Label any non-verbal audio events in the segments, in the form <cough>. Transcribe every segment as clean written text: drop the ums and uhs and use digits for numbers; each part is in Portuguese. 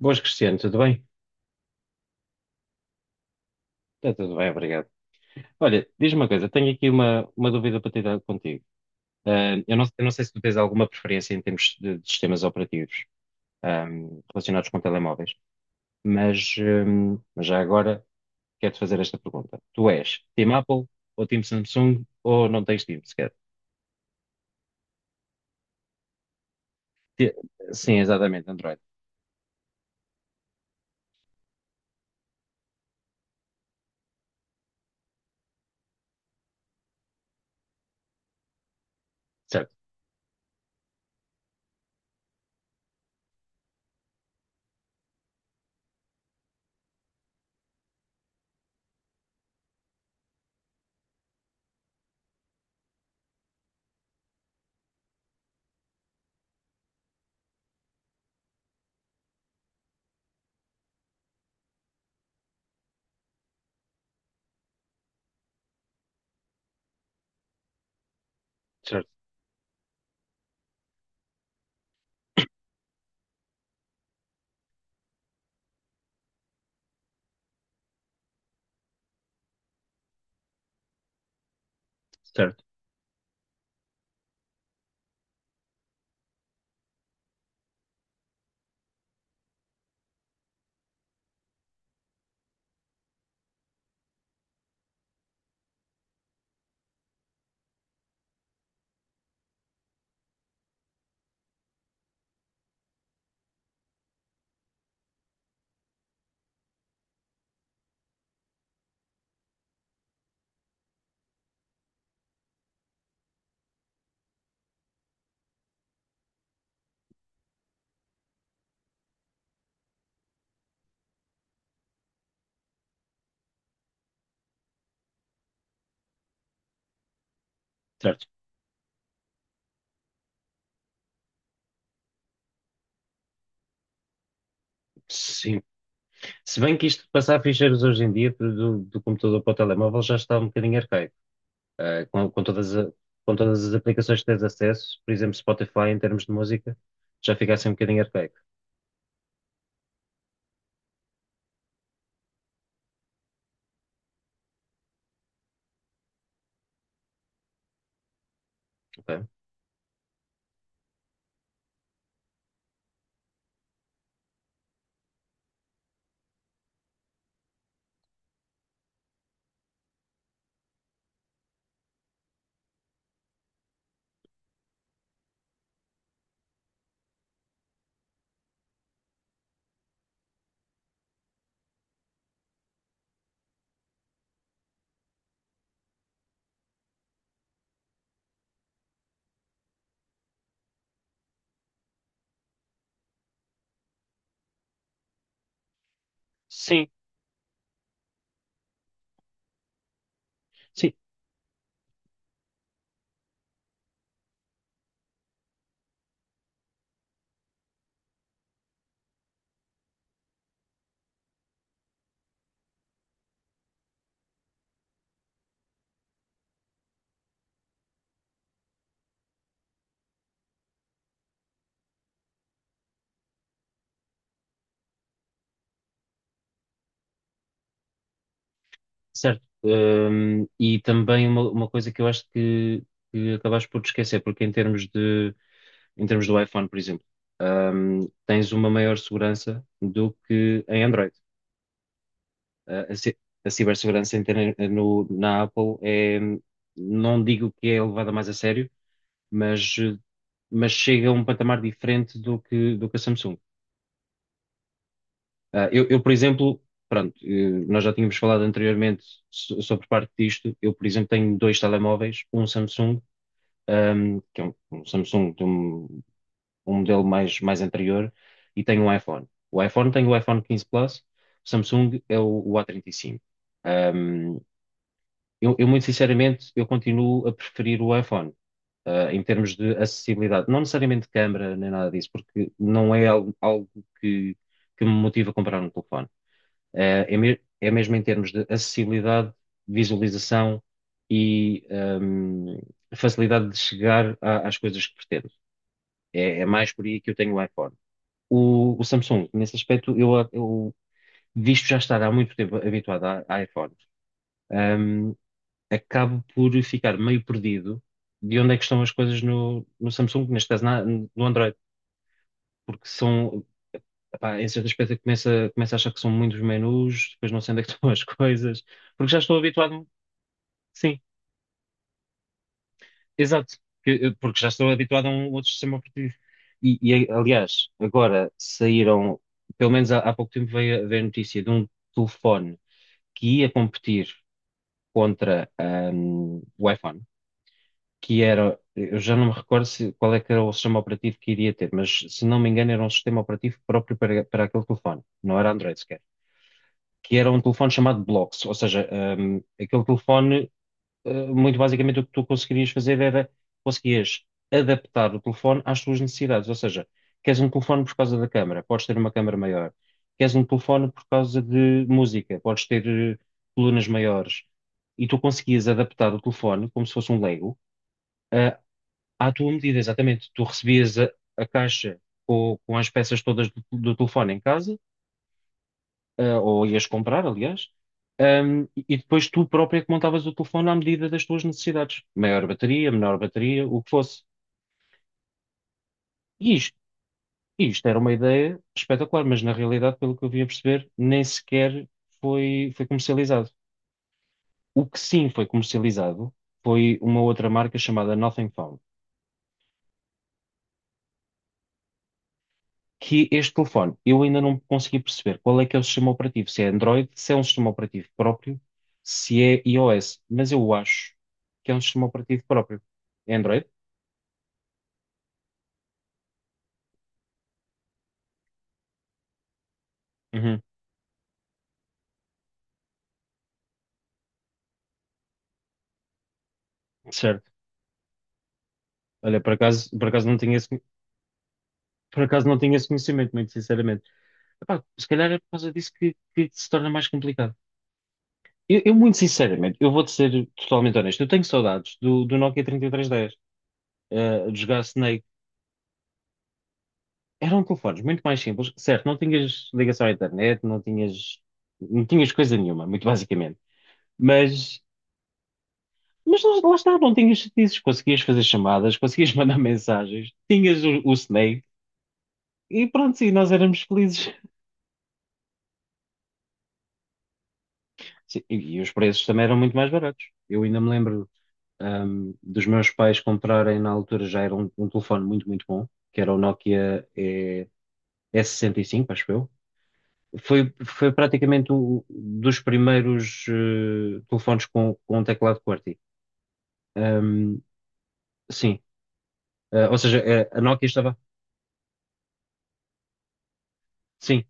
Boas, Cristiano, tudo bem? Está tudo bem, obrigado. Olha, diz-me uma coisa, tenho aqui uma dúvida para tirar contigo. Eu não sei se tu tens alguma preferência em termos de sistemas operativos, ah, relacionados com telemóveis, mas já agora quero-te fazer esta pergunta. Tu és Team Apple ou Team Samsung ou não tens Team sequer? Ti- Sim, exatamente, Android. Certo, certo, certo, certo. Sim. Se bem que isto de passar ficheiros hoje em dia do computador para o telemóvel já está um bocadinho arcaico. Com com todas as aplicações que tens acesso, por exemplo, Spotify em termos de música, já fica assim um bocadinho arcaico, ok? Sim. Sim, certo. E também uma coisa que eu acho que acabaste por te esquecer, porque em termos do iPhone, por exemplo, tens uma maior segurança do que em Android. A, a ci- a cibersegurança na Apple é, não digo que é levada mais a sério, mas, eh, mas chega a um patamar diferente do que a Samsung. Eu, por exemplo, pronto, nós já tínhamos falado anteriormente sobre parte disto. Eu, por exemplo, tenho dois telemóveis, um Samsung, que é um Samsung de um modelo mais anterior, e tenho um iPhone. O iPhone tem o iPhone 15 Plus, o Samsung é o A35. Ahm, eu, muito sinceramente, eu continuo a preferir o iPhone. Em termos de acessibilidade, não necessariamente de câmara nem nada disso, porque não é algo que, que me motiva a comprar um telefone. É mesmo em termos de acessibilidade, visualização e hum, facilidade de chegar às coisas que pretendo. É mais por aí que eu tenho o iPhone. O Samsung, nesse aspecto, eu visto já estar há muito tempo habituado a iPhone. um, acabo por ficar meio perdido de onde é que estão as coisas no Samsung, neste caso no Android, porque são, epá, em certo aspecto eu começo a achar que são muitos menus, depois não sei onde é que <laughs> estão as coisas, porque já estou habituado, sim, exato, porque já estou habituado a um outro sistema operativo. E, aliás, agora saíram, pelo menos há pouco tempo veio, veio a notícia de um telefone que ia competir contra, o iPhone que era, eu já não me recordo se, qual é que era o sistema operativo que iria ter, mas se não me engano era um sistema operativo próprio para aquele telefone, não era Android sequer, que era um telefone chamado Blocks, ou seja, aquele telefone, muito basicamente o que tu conseguirias fazer era, conseguias adaptar o telefone às tuas necessidades, ou seja, queres um telefone por causa da câmara, podes ter uma câmara maior, queres um telefone por causa de música, podes ter colunas maiores, e tu conseguias adaptar o telefone como se fosse um Lego, eh, à tua medida, exatamente. Tu recebias a caixa com as peças todas do telefone em casa, ou ias comprar, aliás, e depois tu própria é que montavas o telefone à medida das tuas necessidades. Maior bateria, menor bateria, o que fosse. E isto era uma ideia espetacular, mas na realidade, pelo que eu vim a perceber, nem sequer foi comercializado. O que sim foi comercializado foi uma outra marca chamada Nothing Phone. Que este telefone, eu ainda não consegui perceber qual é que é o sistema operativo, se é Android, se é um sistema operativo próprio, se é iOS, mas eu acho que é um sistema operativo próprio. É Android? Uhum, certo. Olha, por acaso não tinha esse conhecimento, muito sinceramente. Epá, se calhar é por causa disso que se torna mais complicado. Eu, muito sinceramente, eu vou-te ser totalmente honesto, eu tenho saudades do Nokia 3310, de jogar Snake. Eram telefones muito mais simples, certo? Não tinhas ligação à internet, não tinhas coisa nenhuma, muito basicamente. Mas, mas lá está, não tinhas chatices, conseguias fazer chamadas, conseguias <laughs> mandar mensagens, tinhas o Snake e pronto, sim, nós éramos felizes. Sim, e os preços também eram muito mais baratos. Eu ainda me lembro, dos meus pais comprarem na altura já era um telefone muito, muito bom, que era o Nokia S65, acho eu. Foi praticamente um dos primeiros telefones com um teclado QWERTY. Ahm, sim, ou seja, a Nokia estava. Sim,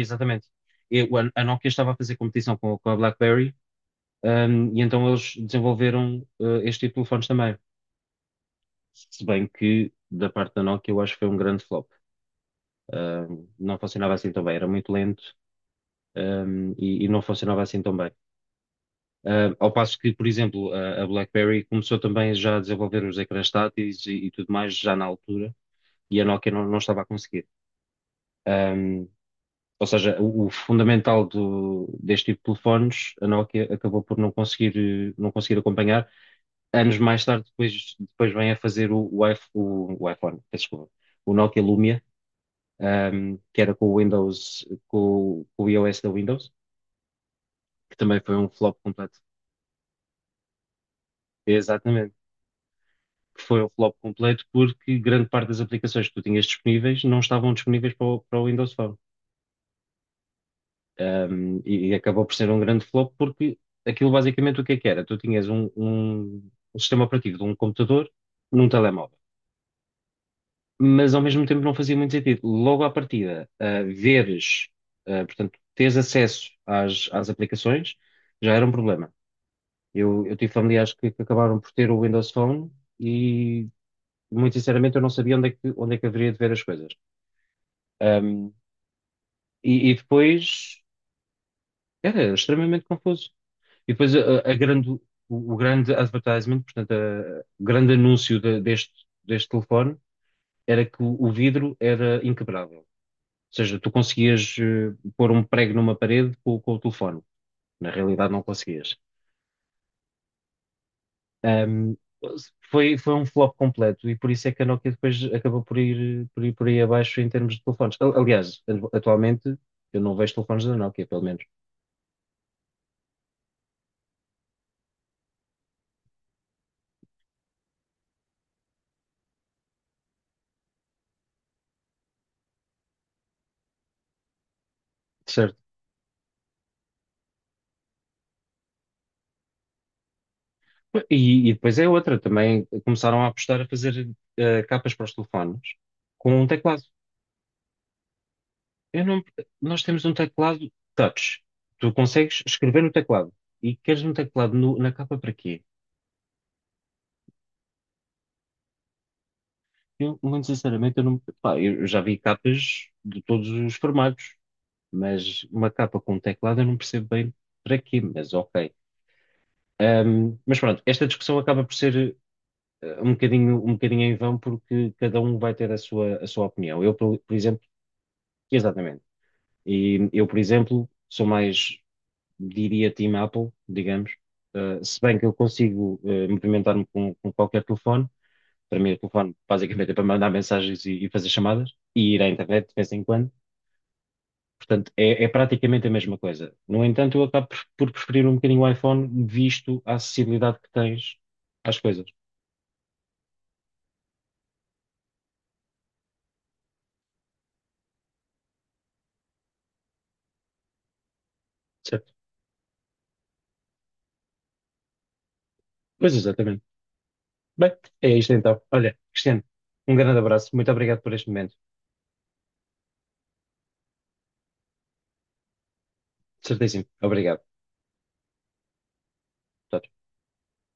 exatamente. E a Nokia estava a fazer competição com a BlackBerry, e então eles desenvolveram este tipo de telefones também. Se bem que, da parte da Nokia, eu acho que foi um grande flop. Não funcionava assim tão bem, era muito lento, e não funcionava assim tão bem. Ao passo que, por exemplo, a BlackBerry começou também já a desenvolver os ecrãs táteis e tudo mais já na altura, e a Nokia não estava a conseguir. Ahm, ou seja, o fundamental deste tipo de telefones, a Nokia acabou por não conseguir, não conseguir acompanhar. Anos mais tarde, depois vem a fazer o iPhone, peço desculpa, o Nokia Lumia, que era com o Windows, o com o iOS da Windows, que também foi um flop completo. Exatamente. Que foi um flop completo porque grande parte das aplicações que tu tinhas disponíveis não estavam disponíveis para o Windows Phone. E acabou por ser um grande flop porque aquilo basicamente o que é que era? Tu tinhas um sistema operativo de um computador num telemóvel, mas ao mesmo tempo não fazia muito sentido. Logo à partida, portanto, teres acesso às aplicações já era um problema. Eu tive familiares que acabaram por ter o Windows Phone e, muito sinceramente, eu não sabia onde é que haveria de ver as coisas. Um, e depois era extremamente confuso. E depois o grande advertisement, portanto, o grande anúncio deste telefone era que o vidro era inquebrável. Ou seja, tu conseguias pôr um prego numa parede com o telefone. Na realidade, não conseguias. Um, foi um flop completo e por isso é que a Nokia depois acabou por ir por aí abaixo em termos de telefones. Aliás, atualmente eu não vejo telefones da Nokia, pelo menos. Certo. E depois é outra, também começaram a apostar a fazer capas para os telefones com um teclado. Eu não, Nós temos um teclado touch. Tu consegues escrever no teclado e queres um teclado na capa para quê? Eu, muito sinceramente, eu não, pá, eu já vi capas de todos os formatos, mas uma capa com um teclado eu não percebo bem para quê, mas ok. Mas pronto, esta discussão acaba por ser um bocadinho em vão porque cada um vai ter a sua opinião. Eu, por exemplo. Exatamente. E eu, por exemplo, sou mais, diria, Team Apple, digamos. Se bem que eu consigo movimentar-me com qualquer telefone, para mim o telefone basicamente é para mandar mensagens e fazer chamadas e ir à internet de vez em quando. Portanto, é praticamente a mesma coisa. No entanto, eu acabo por preferir um bocadinho o iPhone, visto a acessibilidade que tens às coisas. Certo? Pois exatamente. Bem, é isto então. Olha, Cristiano, um grande abraço. Muito obrigado por este momento. Certíssimo. Obrigado. Tchau, tchau.